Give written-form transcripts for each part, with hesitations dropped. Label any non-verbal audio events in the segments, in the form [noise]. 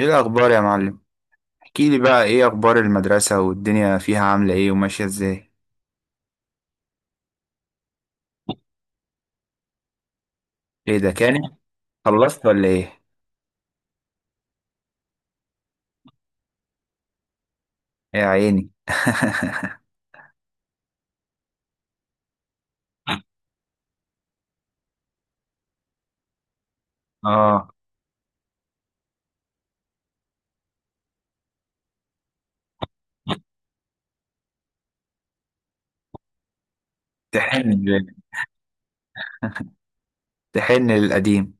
ايه الاخبار يا معلم؟ احكي لي بقى ايه اخبار المدرسة والدنيا فيها عاملة ايه وماشية ازاي؟ ايه ده، كان خلصت ولا ايه؟ يا عيني. [laughs] اه. تحن، تحن للقديم.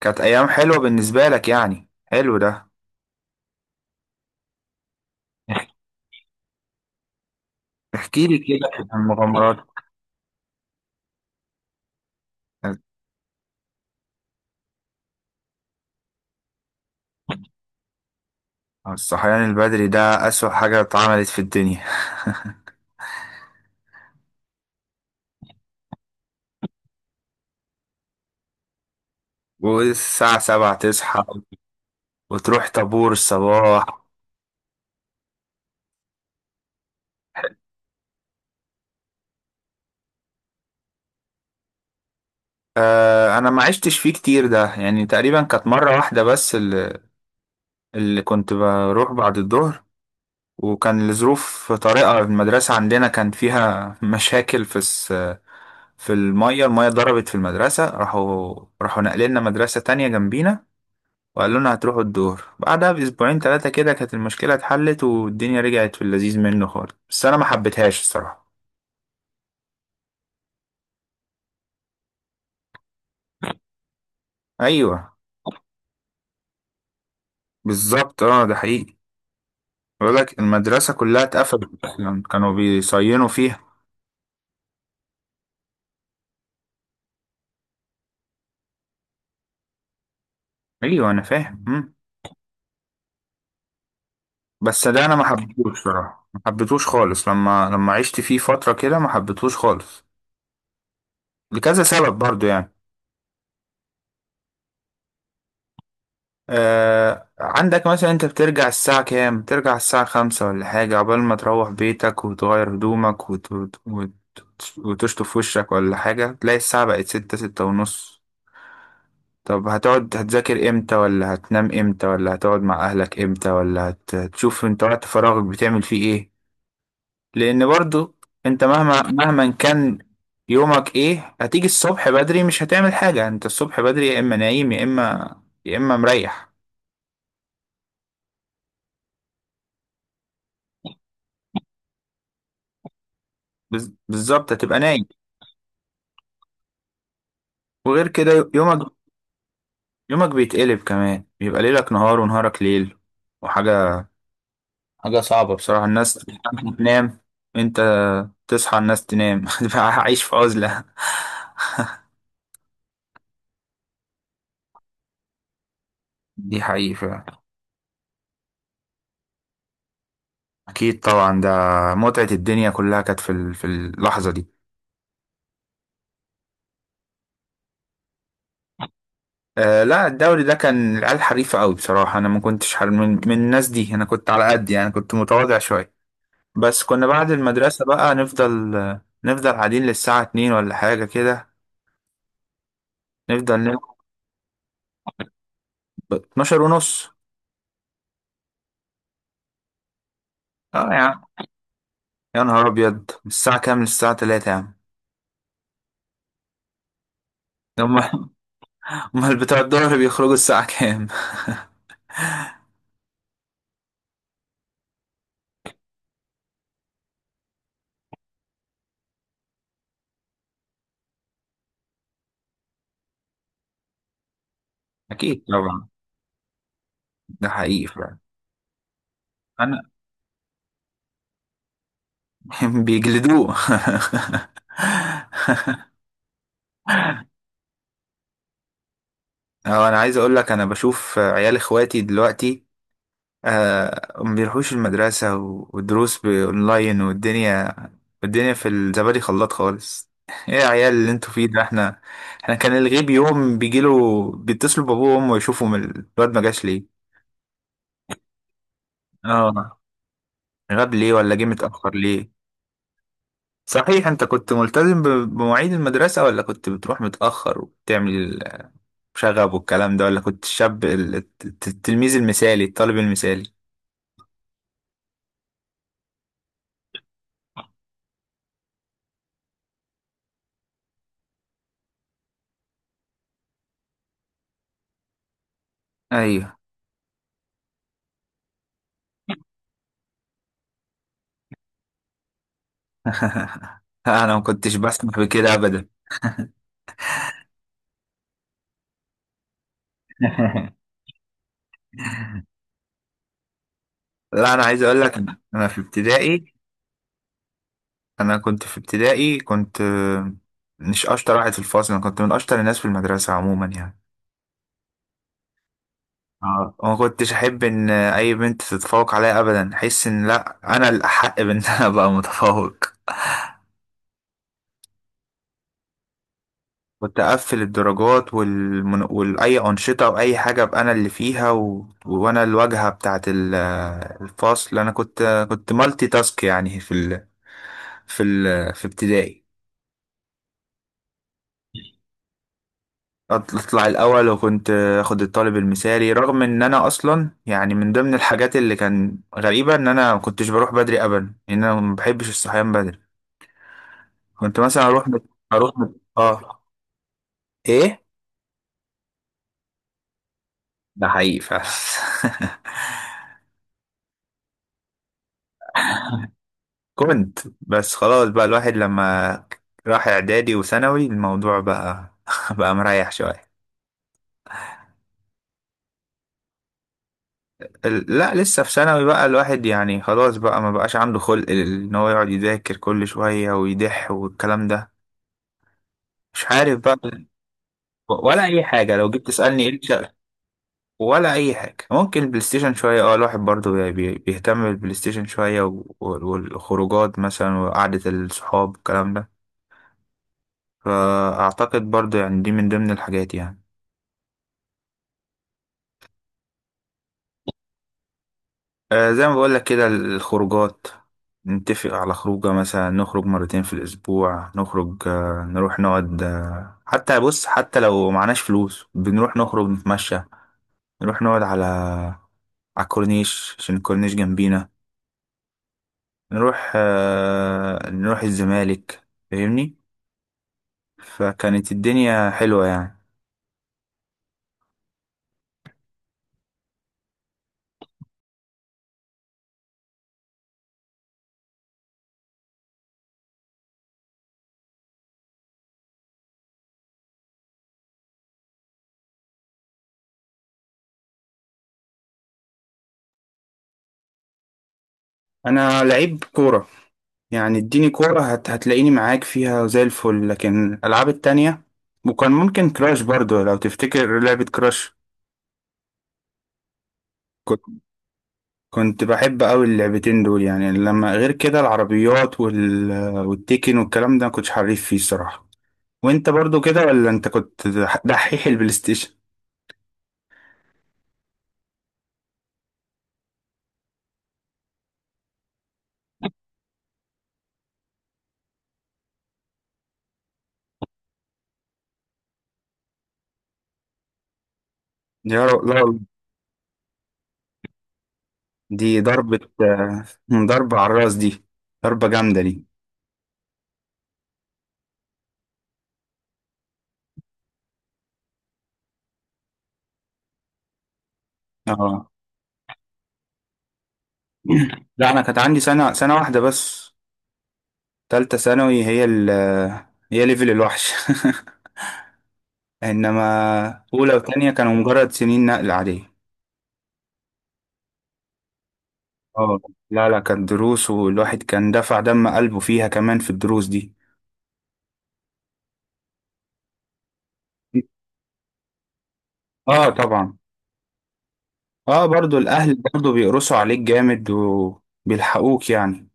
كانت ايام حلوة بالنسبة لك يعني؟ حلو ده. احكي لي كده عن المغامرات. الصحيان البدري ده اسوأ حاجة اتعملت في الدنيا. [laughs] والساعة 7 تصحى وتروح طابور الصباح. آه، انا ما عشتش فيه كتير ده، يعني تقريبا كانت مرة واحدة بس اللي كنت بروح بعد الظهر، وكان لظروف طارئة. المدرسة عندنا كان فيها [laughs] مشاكل في في المية المية ضربت في المدرسة، راحوا نقلنا مدرسة تانية جنبينا، وقالوا لنا هتروحوا الظهر. بعدها بأسبوعين ثلاثة كده كانت المشكلة اتحلت والدنيا رجعت في اللذيذ منه خالص، بس أنا ما حبيتهاش الصراحة. أيوه بالظبط، اه ده حقيقي. بقول لك المدرسة كلها اتقفلت، أصلا كانوا بيصينوا فيها. أيوه أنا فاهم. بس ده انا ما حبيتهوش صراحه، ما حبيتهوش خالص لما لما عشت فيه فتره كده ما حبيتهوش خالص لكذا سبب برضو يعني. آه، عندك مثلا انت بترجع الساعه كام؟ ترجع الساعه 5 ولا حاجه، عقبال ما تروح بيتك وتغير هدومك وتشطف وشك ولا حاجه، تلاقي الساعه بقت ستة ستة ونص. طب هتقعد هتذاكر امتى؟ ولا هتنام امتى؟ ولا هتقعد مع اهلك امتى؟ ولا هتشوف انت وقت فراغك بتعمل فيه ايه؟ لان برضو انت، مهما مهما كان يومك ايه، هتيجي الصبح بدري مش هتعمل حاجة. انت الصبح بدري يا اما نايم يا اما، يا اما مريح. بالظبط، هتبقى نايم وغير كده. يومك، يومك بيتقلب كمان، بيبقى ليلك نهار ونهارك ليل، وحاجة حاجة صعبة بصراحة. الناس تنام انت تصحى، الناس تنام، [laughs] تبقى عايش في عزلة. دي حقيقة فعلا. اكيد طبعا، ده متعة الدنيا كلها كانت في اللحظة دي. آه لا، الدوري ده كان العيال حريفة قوي بصراحة، أنا ما كنتش حر من الناس دي، أنا كنت على قد يعني، كنت متواضع شوية. بس كنا بعد المدرسة بقى نفضل، نفضل قاعدين للساعة 2 ولا حاجة كده، نفضل نلعب. 12:30. اه يا عم، يا نهار أبيض. من الساعة كام للساعة 3 يا عم؟ هما، هما [laughs] بتوع الظهر بيخرجوا الساعة كام؟ [laughs] أكيد طبعا، ده حقيقي فعلا. أنا [laughs] بيجلدوه. [laughs] اه، انا عايز اقول لك، انا بشوف عيال اخواتي دلوقتي آه، ما بيروحوش المدرسة، والدروس بأونلاين، والدنيا في الزبادي خلاط خالص. [laughs] ايه يا عيال اللي انتوا فيه ده؟ احنا، احنا كان الغيب يوم بيجيله بيتصلوا بابوه وامه يشوفوا من الواد ما جاش ليه. اه، غاب ليه، ولا جه متأخر ليه. صحيح، انت كنت ملتزم بمواعيد المدرسة؟ ولا كنت بتروح متأخر وبتعمل شغب والكلام ده؟ ولا كنت الشاب التلميذ المثالي، الطالب المثالي؟ ايوه، انا ما كنتش بسمح بكده ابدا. [laughs] لا، انا عايز اقول لك، أنا في ابتدائي، انا كنت في ابتدائي كنت آه، مش اشطر واحد في الفصل، انا كنت من اشطر الناس في المدرسه عموما يعني. اه، وما كنتش احب ان اي بنت تتفوق عليا ابدا، احس ان لا، انا الاحق بان انا [laughs] ابقى متفوق. كنت اقفل الدرجات واي انشطه، واي حاجه ابقى انا اللي فيها، وانا الواجهه بتاعه الفصل. انا كنت كنت مالتي تاسك يعني في ابتدائي. اطلع الاول، وكنت اخد الطالب المثالي. رغم ان انا اصلا يعني من ضمن الحاجات اللي كان غريبه ان انا ما كنتش بروح بدري ابدا، ان انا ما بحبش الصحيان بدري. كنت مثلا اه، ايه. ده حقيقي فعلا. [laughs] كنت بس، خلاص بقى الواحد لما راح اعدادي وثانوي الموضوع بقى [laughs] بقى مريح شويه. لا، لسه في ثانوي بقى الواحد يعني خلاص بقى، ما بقاش عنده خلق ان هو يقعد يذاكر كل شويه ويدح والكلام ده، مش عارف بقى ولا اي حاجه. لو جيت تسالني ايه الشغل؟ ولا اي حاجه، ممكن البلاي ستيشن شويه. اه، الواحد برضو بيهتم بالبلاي ستيشن شويه، والخروجات مثلا، وقعده الصحاب، الكلام ده. فاعتقد برضو يعني دي من ضمن الحاجات يعني. آه زي ما بقول لك كده، الخروجات نتفق على خروجه، مثلا نخرج مرتين في الاسبوع، نخرج آه، نروح نقعد آه، حتى بص، حتى لو معناش فلوس بنروح نخرج نتمشى، نروح نقعد على، على الكورنيش، عشان الكورنيش جنبينا، نروح آه، نروح الزمالك. فاهمني؟ فكانت الدنيا حلوة يعني. انا لعيب كورة يعني، اديني كورة هتلاقيني معاك فيها زي الفل، لكن الالعاب التانية. وكان ممكن كراش برضو، لو تفتكر لعبة كراش. كنت كنت بحب قوي اللعبتين دول يعني، لما غير كده العربيات والتيكن والكلام ده ما كنتش حريف فيه الصراحة. وانت برضو كده، ولا انت كنت دحيح البلاي ستيشن؟ يا رب لا. دي ضربة، آه، ضربة على الراس دي، ضربة جامدة دي. اه لا، انا كانت عندي سنة سنة واحدة بس. تالتة ثانوي هي ال آه، هي ليفل الوحش. [laughs] انما اولى وثانية كانوا مجرد سنين نقل عادية. اه لا لا، كانت دروس، والواحد كان دفع دم قلبه فيها كمان في الدروس دي. اه طبعا، اه برضو الاهل برضو بيقرصوا عليك جامد وبيلحقوك يعني.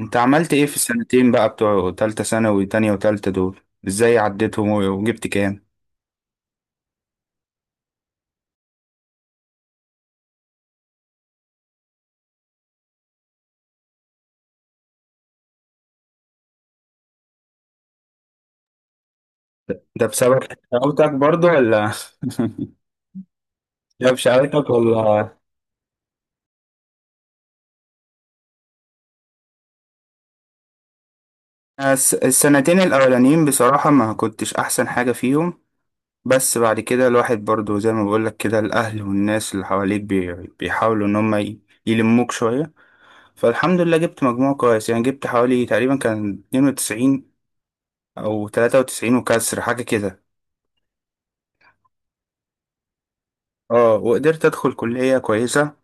انت عملت ايه في السنتين بقى، بتوع تالتة ثانوي، تانية وتالتة دول؟ ازاي عديتهم وجبت كام؟ ده بسبب شقاوتك برضو، ولا [laughs] ده بشقاوتك ولا؟ الس- السنتين الاولانيين بصراحة ما كنتش احسن حاجة فيهم، بس بعد كده الواحد برضو زي ما بقولك كده، الاهل والناس اللي حواليك بيحاولوا ان هم يلموك شوية. فالحمد لله جبت مجموع كويس يعني، جبت حوالي تقريبا كان 92 او 93 وكسر حاجة كده. اه، وقدرت ادخل كلية كويسة،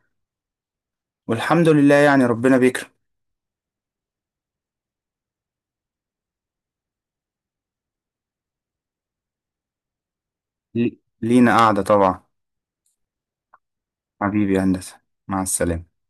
والحمد لله يعني، ربنا بيكرم. لي- لينا قعدة طبعا. حبيبي يا هندسة، مع السلامة.